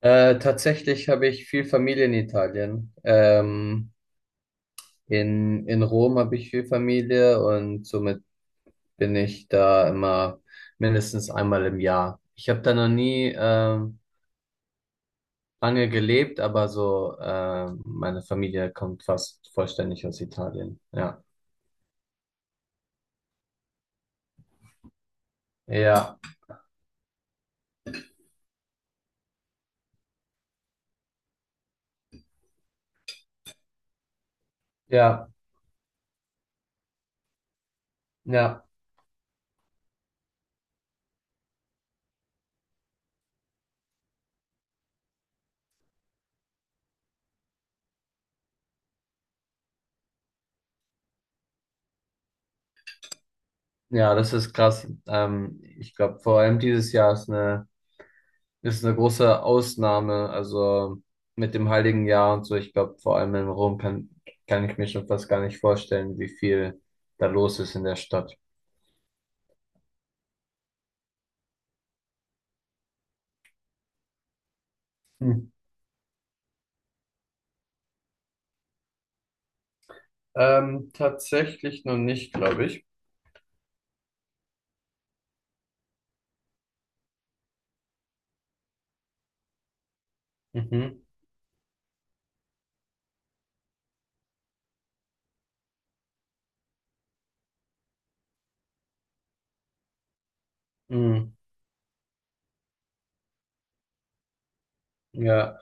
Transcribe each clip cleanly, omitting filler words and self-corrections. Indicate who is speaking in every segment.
Speaker 1: Tatsächlich habe ich viel Familie in Italien. In Rom habe ich viel Familie und somit bin ich da immer mindestens einmal im Jahr. Ich habe da noch nie lange gelebt, aber so meine Familie kommt fast vollständig aus Italien. Ja, ja, ja, ja, ja, das ist krass. Ich glaube, vor allem dieses Jahr ist eine große Ausnahme, also mit dem Heiligen Jahr und so. Ich glaube, vor allem in Rom kann ich mir schon fast gar nicht vorstellen, wie viel da los ist in der Stadt. Hm. Tatsächlich noch nicht, glaube ich. Mhm. Mhm. Ja,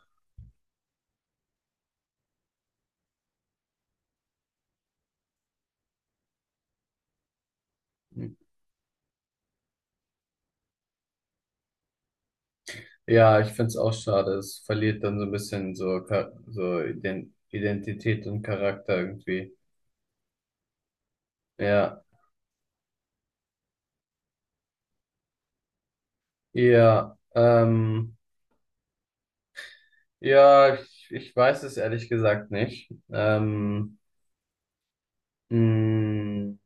Speaker 1: ja, ich finde es auch schade. Es verliert dann so ein bisschen so, Identität und Charakter irgendwie. Ja, ja, ja, ich weiß es ehrlich gesagt nicht. Mh.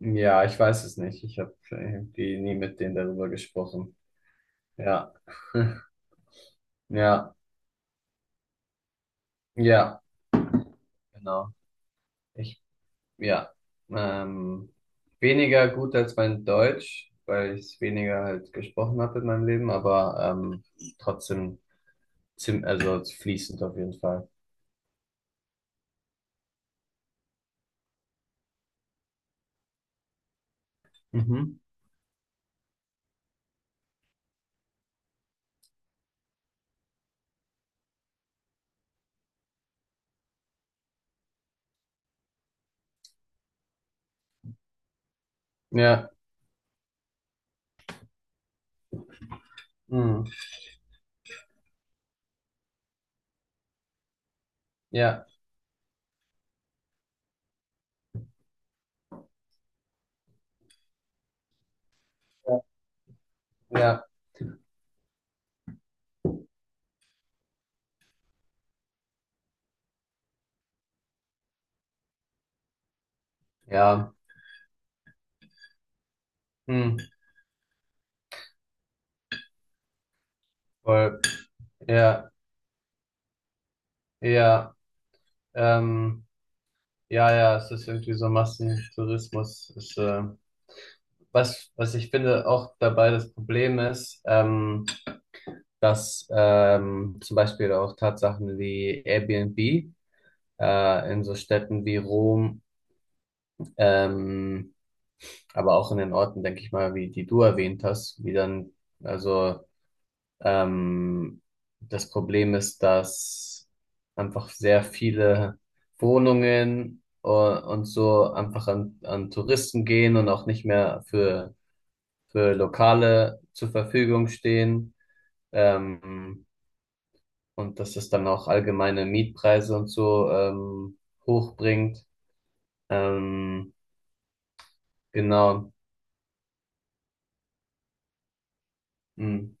Speaker 1: Ja, ich weiß es nicht. Ich habe irgendwie nie mit denen darüber gesprochen. Ja, ja, ja, genau. Ich, ja, ähm, weniger gut als mein Deutsch, weil ich es weniger halt gesprochen habe in meinem Leben, aber trotzdem zim also fließend auf jeden Fall. Mhm. Ja, mhm. Ja, ja, ja, ja, mhm. Voll, ja, ja, ähm, ja, ja, es ist irgendwie so Massentourismus, was ich finde auch dabei das Problem ist, dass zum Beispiel auch Tatsachen wie Airbnb in so Städten wie Rom, ähm, aber auch in den Orten, denke ich mal, wie die du erwähnt hast, wie dann, also ähm, das Problem ist, dass einfach sehr viele Wohnungen und so einfach an Touristen gehen und auch nicht mehr für Lokale zur Verfügung stehen, ähm, und dass es dann auch allgemeine Mietpreise und so hochbringt. Ähm, genau. Hm.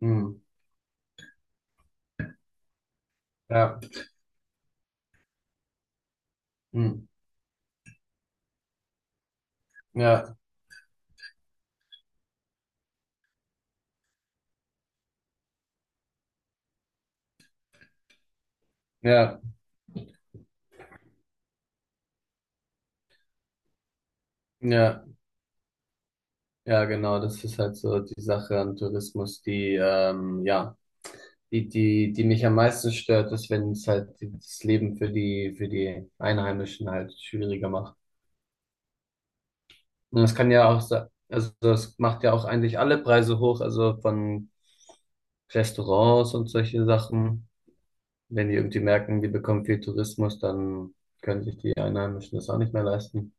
Speaker 1: Hm. Ja. Hm. Ja. Ja. Ja. Ja, genau. Das ist halt so die Sache an Tourismus, die ja. Die mich am meisten stört, ist, wenn es halt das Leben für für die Einheimischen halt schwieriger macht. Und das kann ja auch, also das macht ja auch eigentlich alle Preise hoch, also von Restaurants und solche Sachen. Wenn die irgendwie merken, die bekommen viel Tourismus, dann können sich die Einheimischen das auch nicht mehr leisten.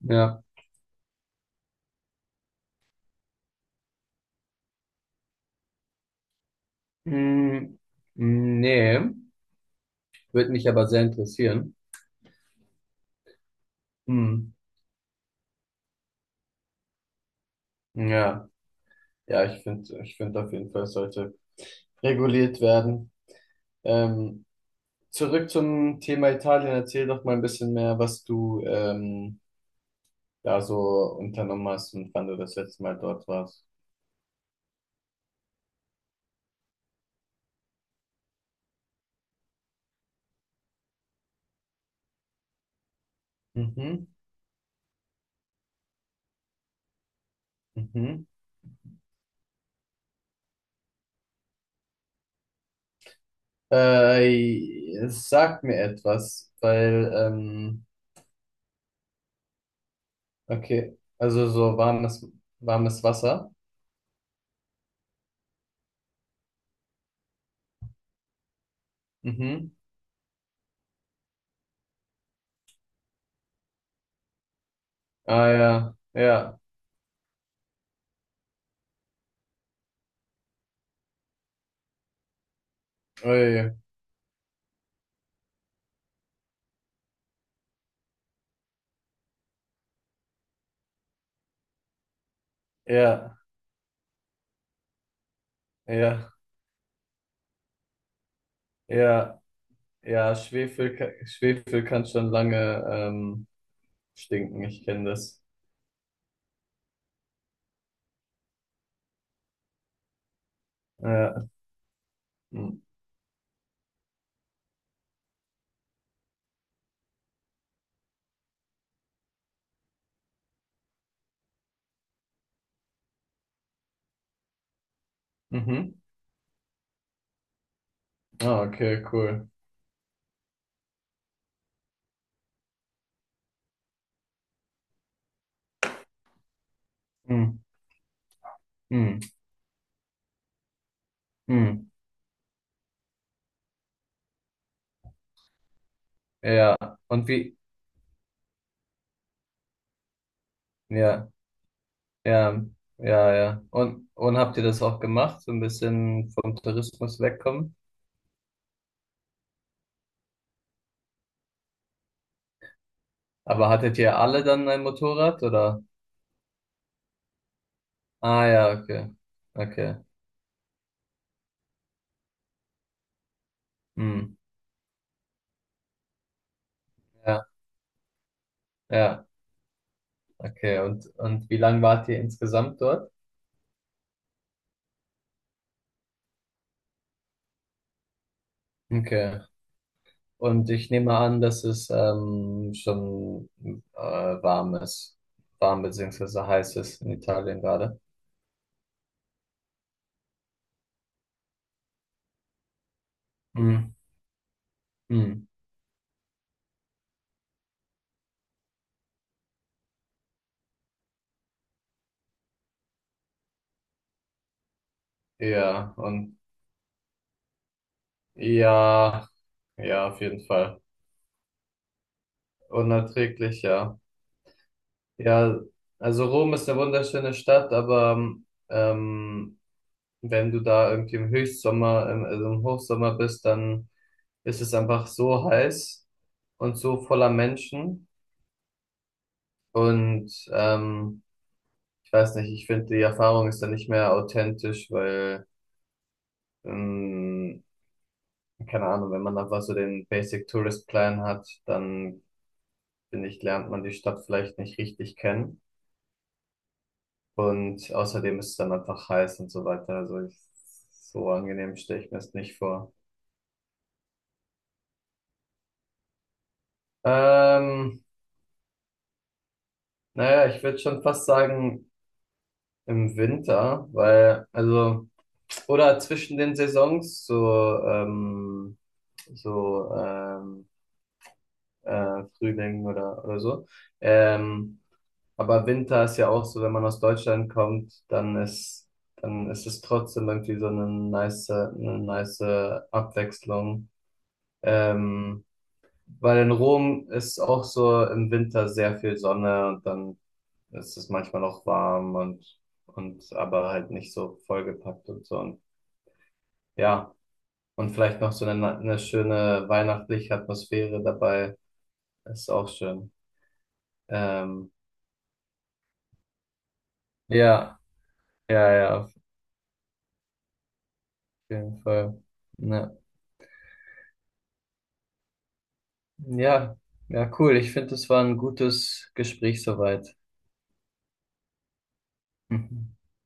Speaker 1: Ja. Hm, nee, würde mich aber sehr interessieren. Hm, ja, ja, ich finde auf jeden Fall, es sollte reguliert werden. Ähm, zurück zum Thema Italien, erzähl doch mal ein bisschen mehr, was du da so unternommen hast und wann du das letzte Mal dort warst. Mhm, mhm. Es sagt mir etwas, weil, okay, also so warmes Wasser. Mhm. Ah ja, ja, ui, ja, ja, ja, ja, Schwefel kann schon lange stinken, ich kenne das. Ja. Mhm. Mhm. Ah, okay, cool. Mhm. Mhm. Mhm. Ja, und wie? Ja. Ja, ja, ja. Und habt ihr das auch gemacht, so ein bisschen vom Tourismus wegkommen? Aber hattet ihr alle dann ein Motorrad oder? Ah ja, okay. Okay. Hm. Ja, ja, okay. Und wie lang wart ihr insgesamt dort? Okay. Und ich nehme an, dass es schon warm ist. Warm beziehungsweise heiß ist in Italien gerade. Hm. Hm. Ja, und ja, ja, auf jeden Fall. Unerträglich, ja. Ja, also Rom ist eine wunderschöne Stadt, aber ähm, wenn du da irgendwie im also im Hochsommer bist, dann ist es einfach so heiß und so voller Menschen. Und ich weiß nicht, ich finde, die Erfahrung ist dann nicht mehr authentisch, weil, ähm, keine Ahnung, wenn man einfach so den Basic Tourist Plan hat, dann finde ich, lernt man die Stadt vielleicht nicht richtig kennen. Und außerdem ist es dann einfach heiß und so weiter. Also so angenehm stelle ich mir es nicht vor. Ähm, naja, ich würde schon fast sagen im Winter, weil, also, oder zwischen den Saisons, so, ähm, Frühling oder so. Ähm, aber Winter ist ja auch so, wenn man aus Deutschland kommt, dann ist es trotzdem irgendwie so eine nice Abwechslung. Ähm, Weil in Rom ist auch so im Winter sehr viel Sonne und dann ist es manchmal noch warm und aber halt nicht so vollgepackt und so. Und ja, und vielleicht noch so eine schöne weihnachtliche Atmosphäre dabei. Ist auch schön. Ähm, ja, ja, ja, auf jeden Fall. Ja, ja, ja, cool. Ich finde, es war ein gutes Gespräch soweit.